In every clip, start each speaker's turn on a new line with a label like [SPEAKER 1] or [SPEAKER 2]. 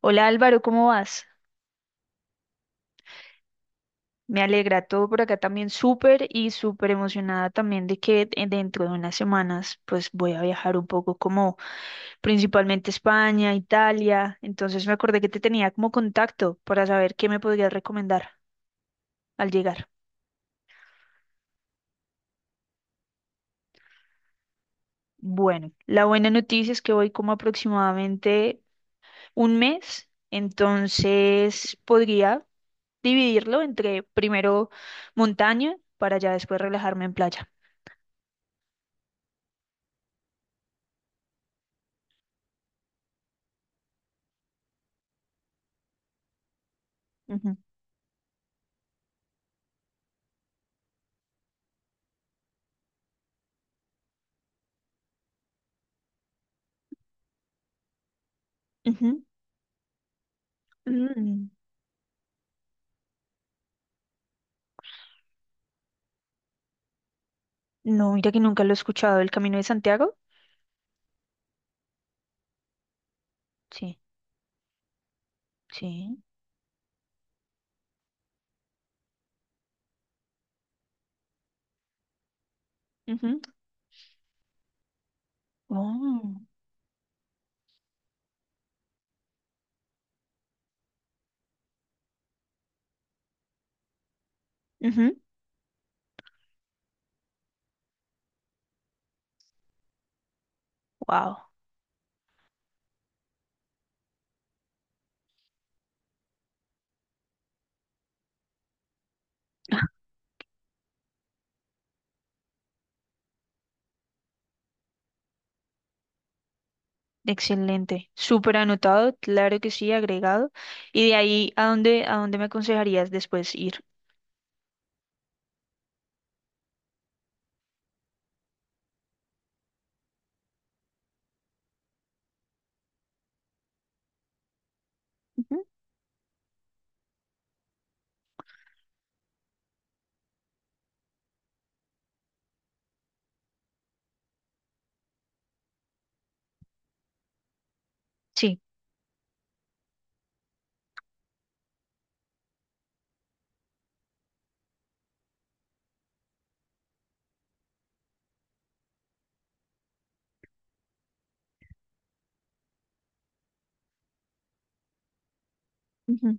[SPEAKER 1] Hola Álvaro, ¿cómo vas? Me alegra todo por acá también. Súper y súper emocionada también de que dentro de unas semanas pues voy a viajar un poco como principalmente España, Italia. Entonces me acordé que te tenía como contacto para saber qué me podrías recomendar al llegar. Bueno, la buena noticia es que voy como aproximadamente un mes, entonces podría dividirlo entre primero montaña para ya después relajarme en playa. Ujú, ujú. Mm. No, mira que nunca lo he escuchado. ¿El Camino de Santiago? Sí, sí. Ujú. Oh, ujú. Wow. Excelente. Súper anotado, claro que sí, agregado. Y de ahí, ¿a dónde me aconsejarías después ir? Ujú. Sí. Ujú,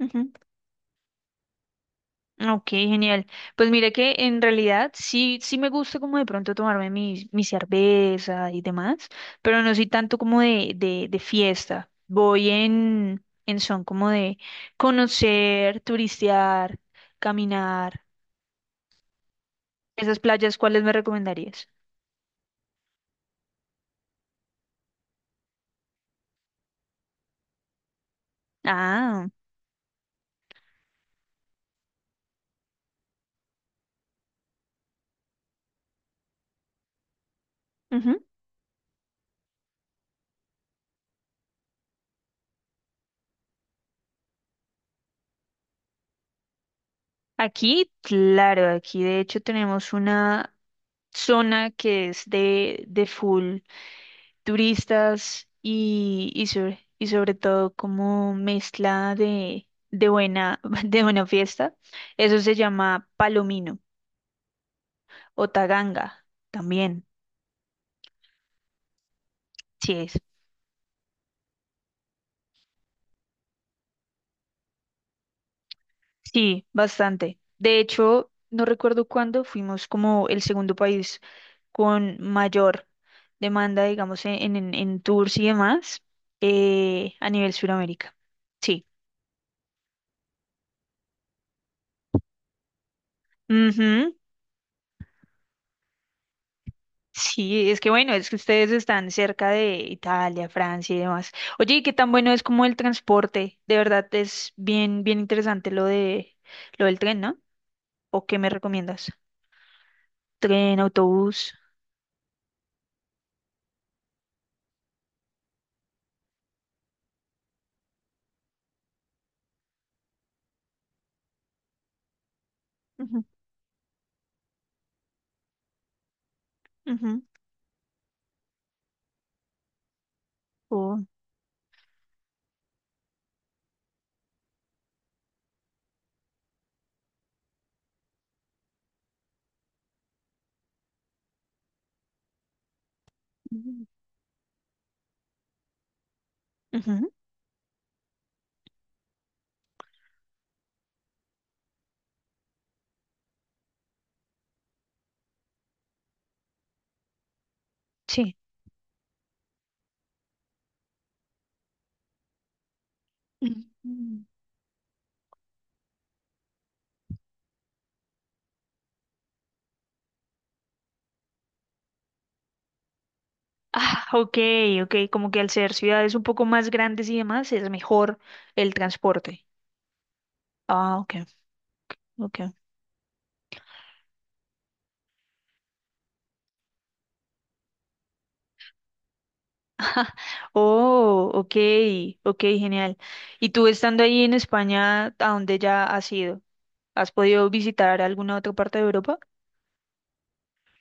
[SPEAKER 1] ujú. Ok, genial. Pues mire que en realidad sí, sí me gusta como de pronto tomarme mi cerveza y demás, pero no soy tanto como de fiesta. Voy en son como de conocer, turistear, caminar. Esas playas, ¿cuáles me recomendarías? Ah, ujú. Aquí, claro, aquí de hecho tenemos una zona que es de full turistas y, y sobre todo como mezcla de buena, de buena fiesta. Eso se llama Palomino o Taganga también, sí es. Sí, bastante. De hecho, no recuerdo cuándo fuimos como el segundo país con mayor demanda, digamos, en tours y demás a nivel Sudamérica. Sí. Ujú. Sí, es que bueno, es que ustedes están cerca de Italia, Francia y demás. Oye, ¿y qué tan bueno es como el transporte? De verdad es bien, bien interesante lo de lo del tren, ¿no? ¿O qué me recomiendas? Tren, autobús. Ujú, ujú, o- ujú, ujú. Sí. Ujú. Ah, ok, ok, como que al ser ciudades un poco más grandes y demás es mejor el transporte. Ah, ok, ok. Oh, ok, ok, genial. ¿Y tú estando ahí en España, a dónde ya has ido? ¿Has podido visitar alguna otra parte de Europa?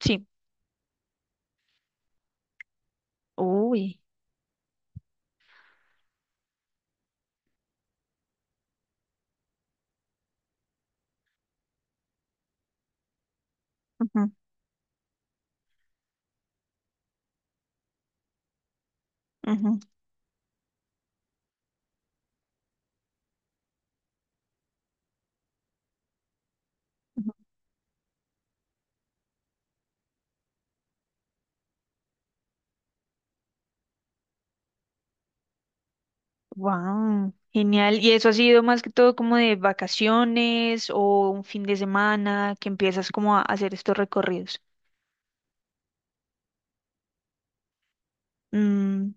[SPEAKER 1] Sí. Uy. Ujú, ujú, ujú. Wow. Genial. ¿Y eso ha sido más que todo como de vacaciones o un fin de semana que empiezas como a hacer estos recorridos? Mm,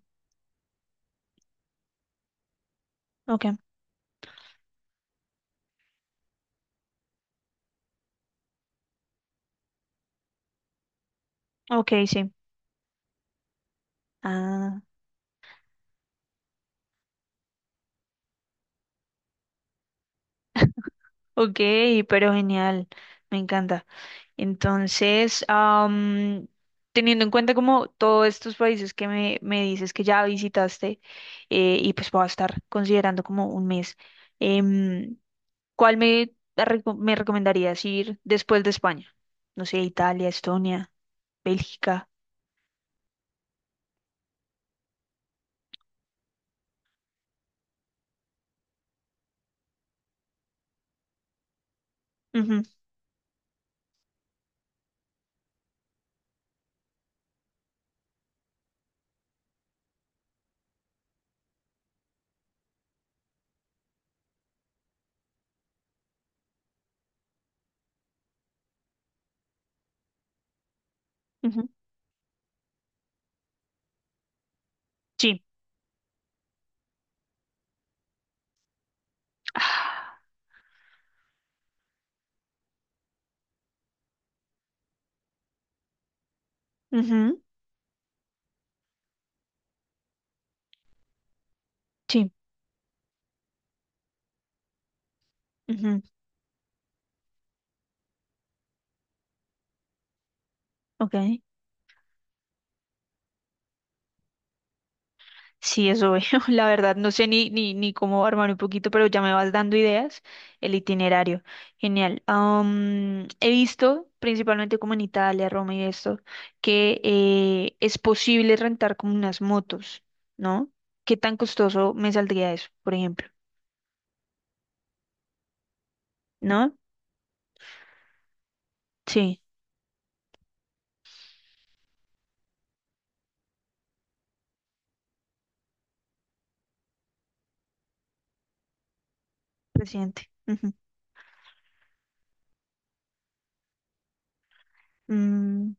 [SPEAKER 1] ok, ok, sí. Ah, ok, pero genial. Me encanta. Entonces, teniendo en cuenta como todos estos países que me dices que ya visitaste, y pues voy a estar considerando como un mes, em, ¿cuál me, me recomendarías ir después de España? No sé, Italia, Estonia, Bélgica. Ujú, ujú. Sí. Ah, ujú, sí. Ujú. Ok. Sí, eso veo. La verdad, no sé ni cómo armar un poquito, pero ya me vas dando ideas. El itinerario. Genial. Am, he visto, principalmente como en Italia, Roma y esto, que es posible rentar como unas motos, ¿no? ¿Qué tan costoso me saldría eso, por ejemplo? ¿No? Sí, presidente. Ujú. Mm,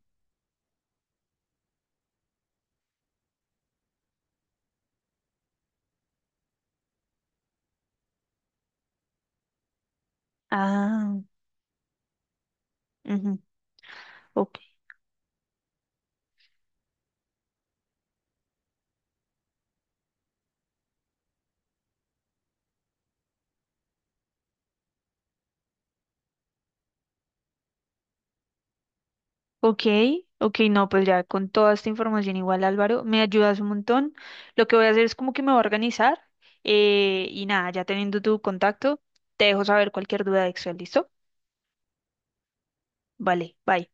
[SPEAKER 1] ah, ujú. Ok. Ok, ok, no, pues ya con toda esta información igual Álvaro, me ayudas un montón. Lo que voy a hacer es como que me voy a organizar, y nada, ya teniendo tu contacto, te dejo saber cualquier duda de Excel, ¿listo? Vale, bye.